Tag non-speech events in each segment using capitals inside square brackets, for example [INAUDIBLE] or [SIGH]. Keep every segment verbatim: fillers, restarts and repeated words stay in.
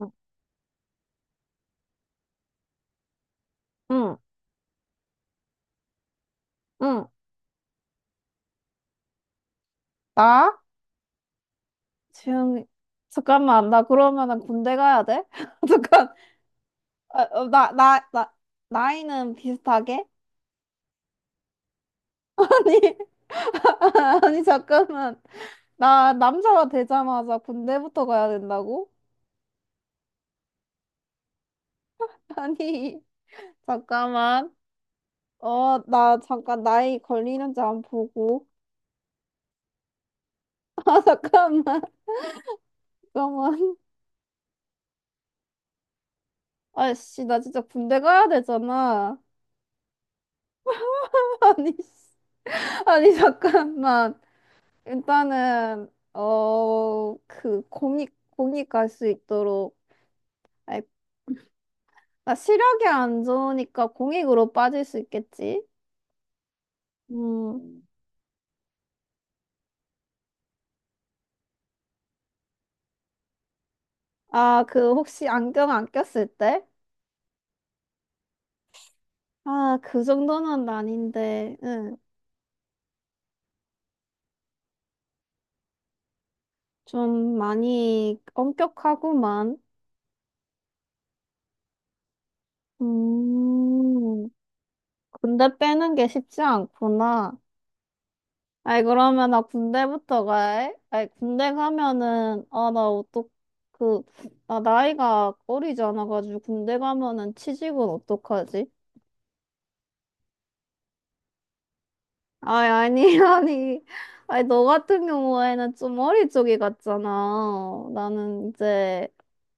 응, 응. 응 나? 지금, 잠깐만, 나 그러면은 군대 가야 돼? [LAUGHS] 잠깐, 어, 어, 나, 나, 나, 나이는 비슷하게? [LAUGHS] 아니, [LAUGHS] 아니, 잠깐만. 나 남자가 되자마자 군대부터 가야 된다고? [LAUGHS] 아니, 잠깐만. 어, 나 잠깐 나이 걸리는지 안 보고. [LAUGHS] 아, 잠깐만. 잠깐만. 아이씨, 나 진짜 군대 가야 되잖아. [LAUGHS] 아니, 씨. 아니, 잠깐만. 일단은 어 그 공익 공익 갈 수 있도록 아이, 아 시력이 안 좋으니까 공익으로 빠질 수 있겠지. 음. 아, 그 혹시 안경 안 꼈을 때? 아, 그 정도는 아닌데. 응. 좀 많이 엄격하구만. 음. 근데 빼는 게 쉽지 않구나. 아이, 그러면 나 군대부터 가. 아이, 군대 가면은, 아, 나 어떡, 그, 나 나이가 어리지 않아가지고 군대 가면은 취직은 어떡하지? 아이, 아니, [LAUGHS] 아니. 아이, 너 같은 경우에는 좀 어릴 적이 같잖아. 나는 이제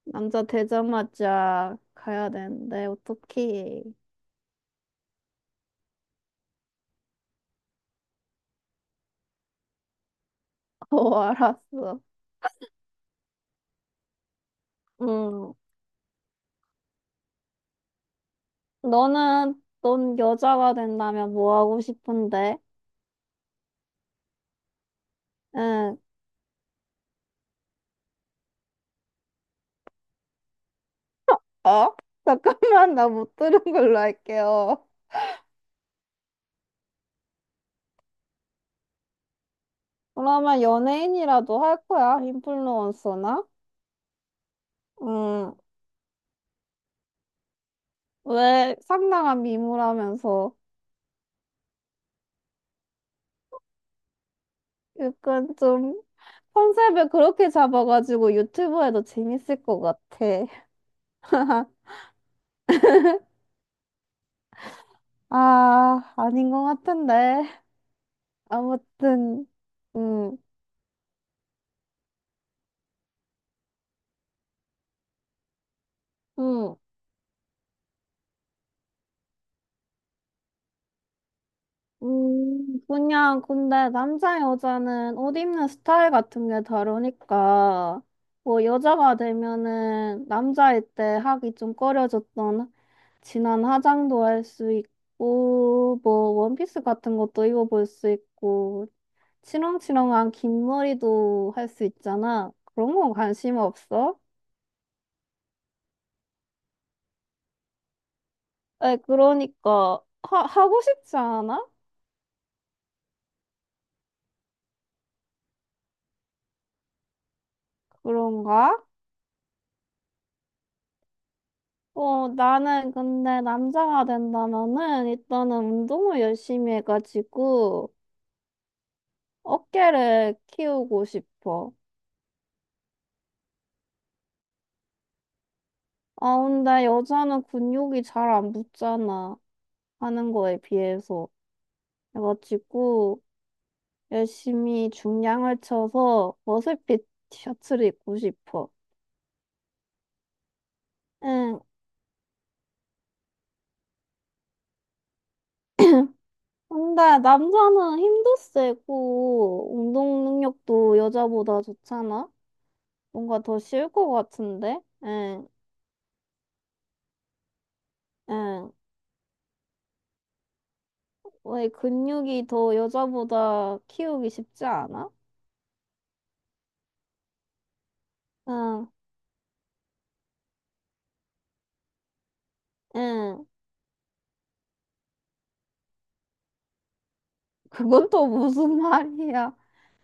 남자 되자마자 가야 되는데, 어떡해. [LAUGHS] 어, 알았어. 응. 너는, 넌 여자가 된다면 뭐 하고 싶은데? 응. 어? 잠깐만, 나 못 들은 걸로 할게요. 그러면 연예인이라도 할 거야? 인플루언서나? 음, 왜 상당한 미모라면서 약간 좀 컨셉을 그렇게 잡아가지고 유튜브에도 재밌을 것 같아. [LAUGHS] 아, 아닌 것 같은데. 아무튼, 음, 음. 음, 그냥, 근데 남자, 여자는 옷 입는 스타일 같은 게 다르니까, 뭐, 여자가 되면은 남자일 때 하기 좀 꺼려졌던 진한 화장도 할 수 있고, 뭐, 원피스 같은 것도 입어볼 수 있고, 치렁치렁한 긴 머리도 할 수 있잖아. 그런 건 관심 없어? 에, 그러니까, 하, 하고 싶지 않아? 그런가? 어, 나는 근데 남자가 된다면은 일단은 운동을 열심히 해가지고 어깨를 키우고 싶어. 아, 근데 여자는 근육이 잘 안 붙잖아. 하는 거에 비해서. 그래가지고 열심히 중량을 쳐서 머슬핏 티셔츠를 입고 싶어. 응. 근데 남자는 힘도 세고 운동 능력도 여자보다 좋잖아? 뭔가 더 쉬울 것 같은데? 응. 응. 왜 근육이 더 여자보다 키우기 쉽지 않아? 응, 응. 그건 또 무슨 [LAUGHS] 말이야?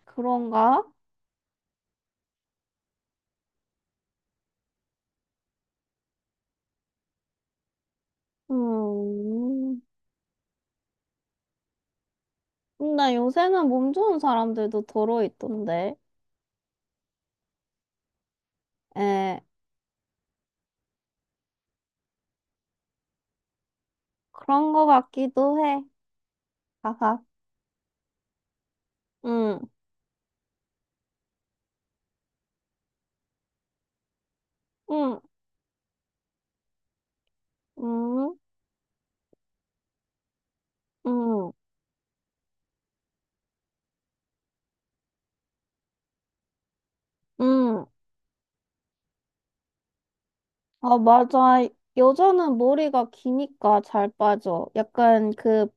그런가? 음. 근데 요새는 몸 좋은 사람들도 더러 있던데. 에, 그런 거 같기도 해. 하하. 응, 응, 응, 응, 응. 아, 맞아. 여자는 머리가 기니까 잘 빠져. 약간 그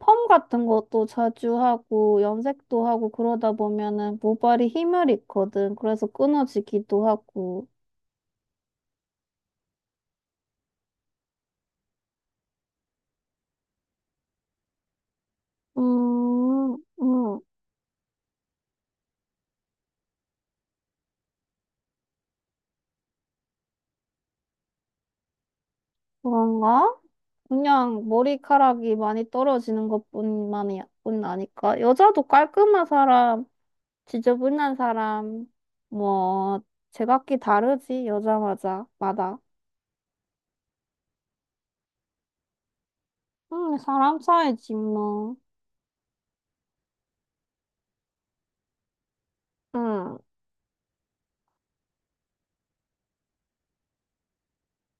펌 같은 것도 자주 하고 염색도 하고 그러다 보면은 모발이 힘을 잃거든. 그래서 끊어지기도 하고. 음, 음, 그런가? 그냥 머리카락이 많이 떨어지는 것뿐만이 뿐 아니까. 여자도 깔끔한 사람, 지저분한 사람, 뭐 제각기 다르지 여자마자 마다. 응, 사람 사이지, 뭐. 응,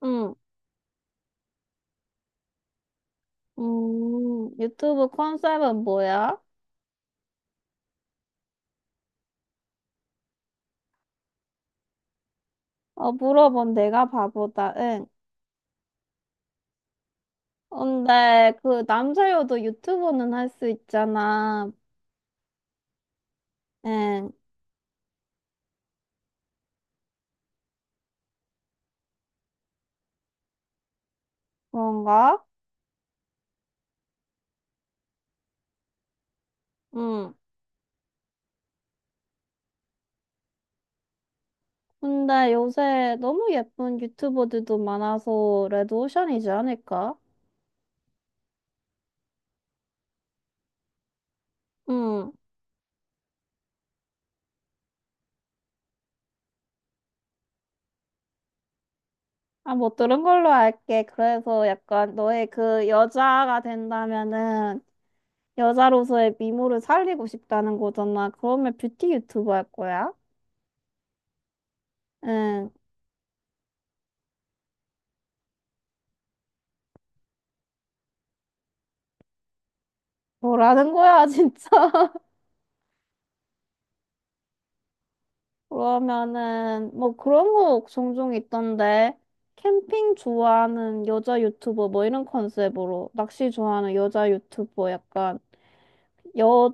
응. 음, 유튜브 컨셉은 뭐야? 어, 물어본 내가 바보다, 응. 근데 그 남자여도 유튜버는 할 수 있잖아. 응, 그런가? 응. 근데 요새 너무 예쁜 유튜버들도 많아서 레드오션이지 않을까? 응. 아, 못 들은 걸로 알게. 그래서 약간 너의 그 여자가 된다면은 여자로서의 미모를 살리고 싶다는 거잖아. 그러면 뷰티 유튜버 할 거야? 응, 뭐라는 거야, [LAUGHS] 진짜. 그러면은, 뭐 그런 거 종종 있던데. 캠핑 좋아하는 여자 유튜버, 뭐 이런 컨셉으로. 낚시 좋아하는 여자 유튜버, 약간, 여,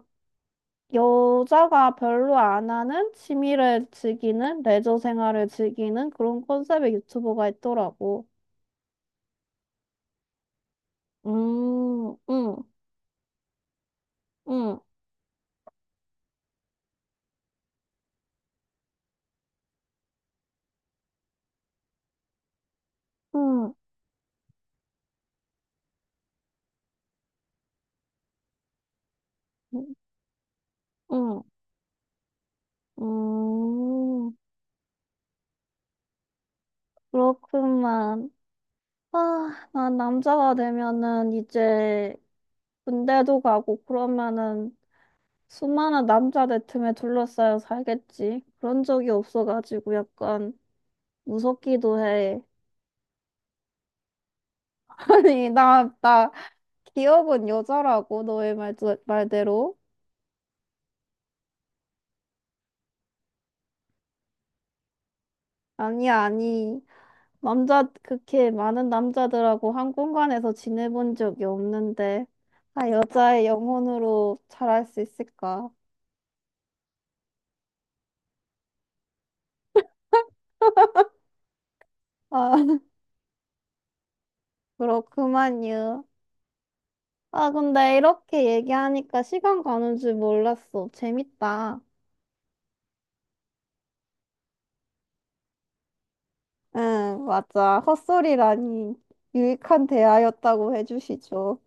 여자가 별로 안 하는 취미를 즐기는, 레저 생활을 즐기는 그런 컨셉의 유튜버가 있더라고. 음, 응, 응, 응, 응. 음, 그렇구만. 아, 난 남자가 되면은 이제 군대도 가고 그러면은 수많은 남자들 틈에 둘러싸여 살겠지. 그런 적이 없어가지고 약간 무섭기도 해. [LAUGHS] 아니, 나, 나, 기억은 여자라고, 너의 말, 말대로. 아니, 아니. 남자, 그렇게 많은 남자들하고 한 공간에서 지내본 적이 없는데. 아, 여자의 영혼으로 잘할 수 있을까? 아, [LAUGHS] 그렇구만요. 아, 근데 이렇게 얘기하니까 시간 가는 줄 몰랐어. 재밌다. 응, 맞아. 헛소리라니 유익한 대화였다고 해주시죠.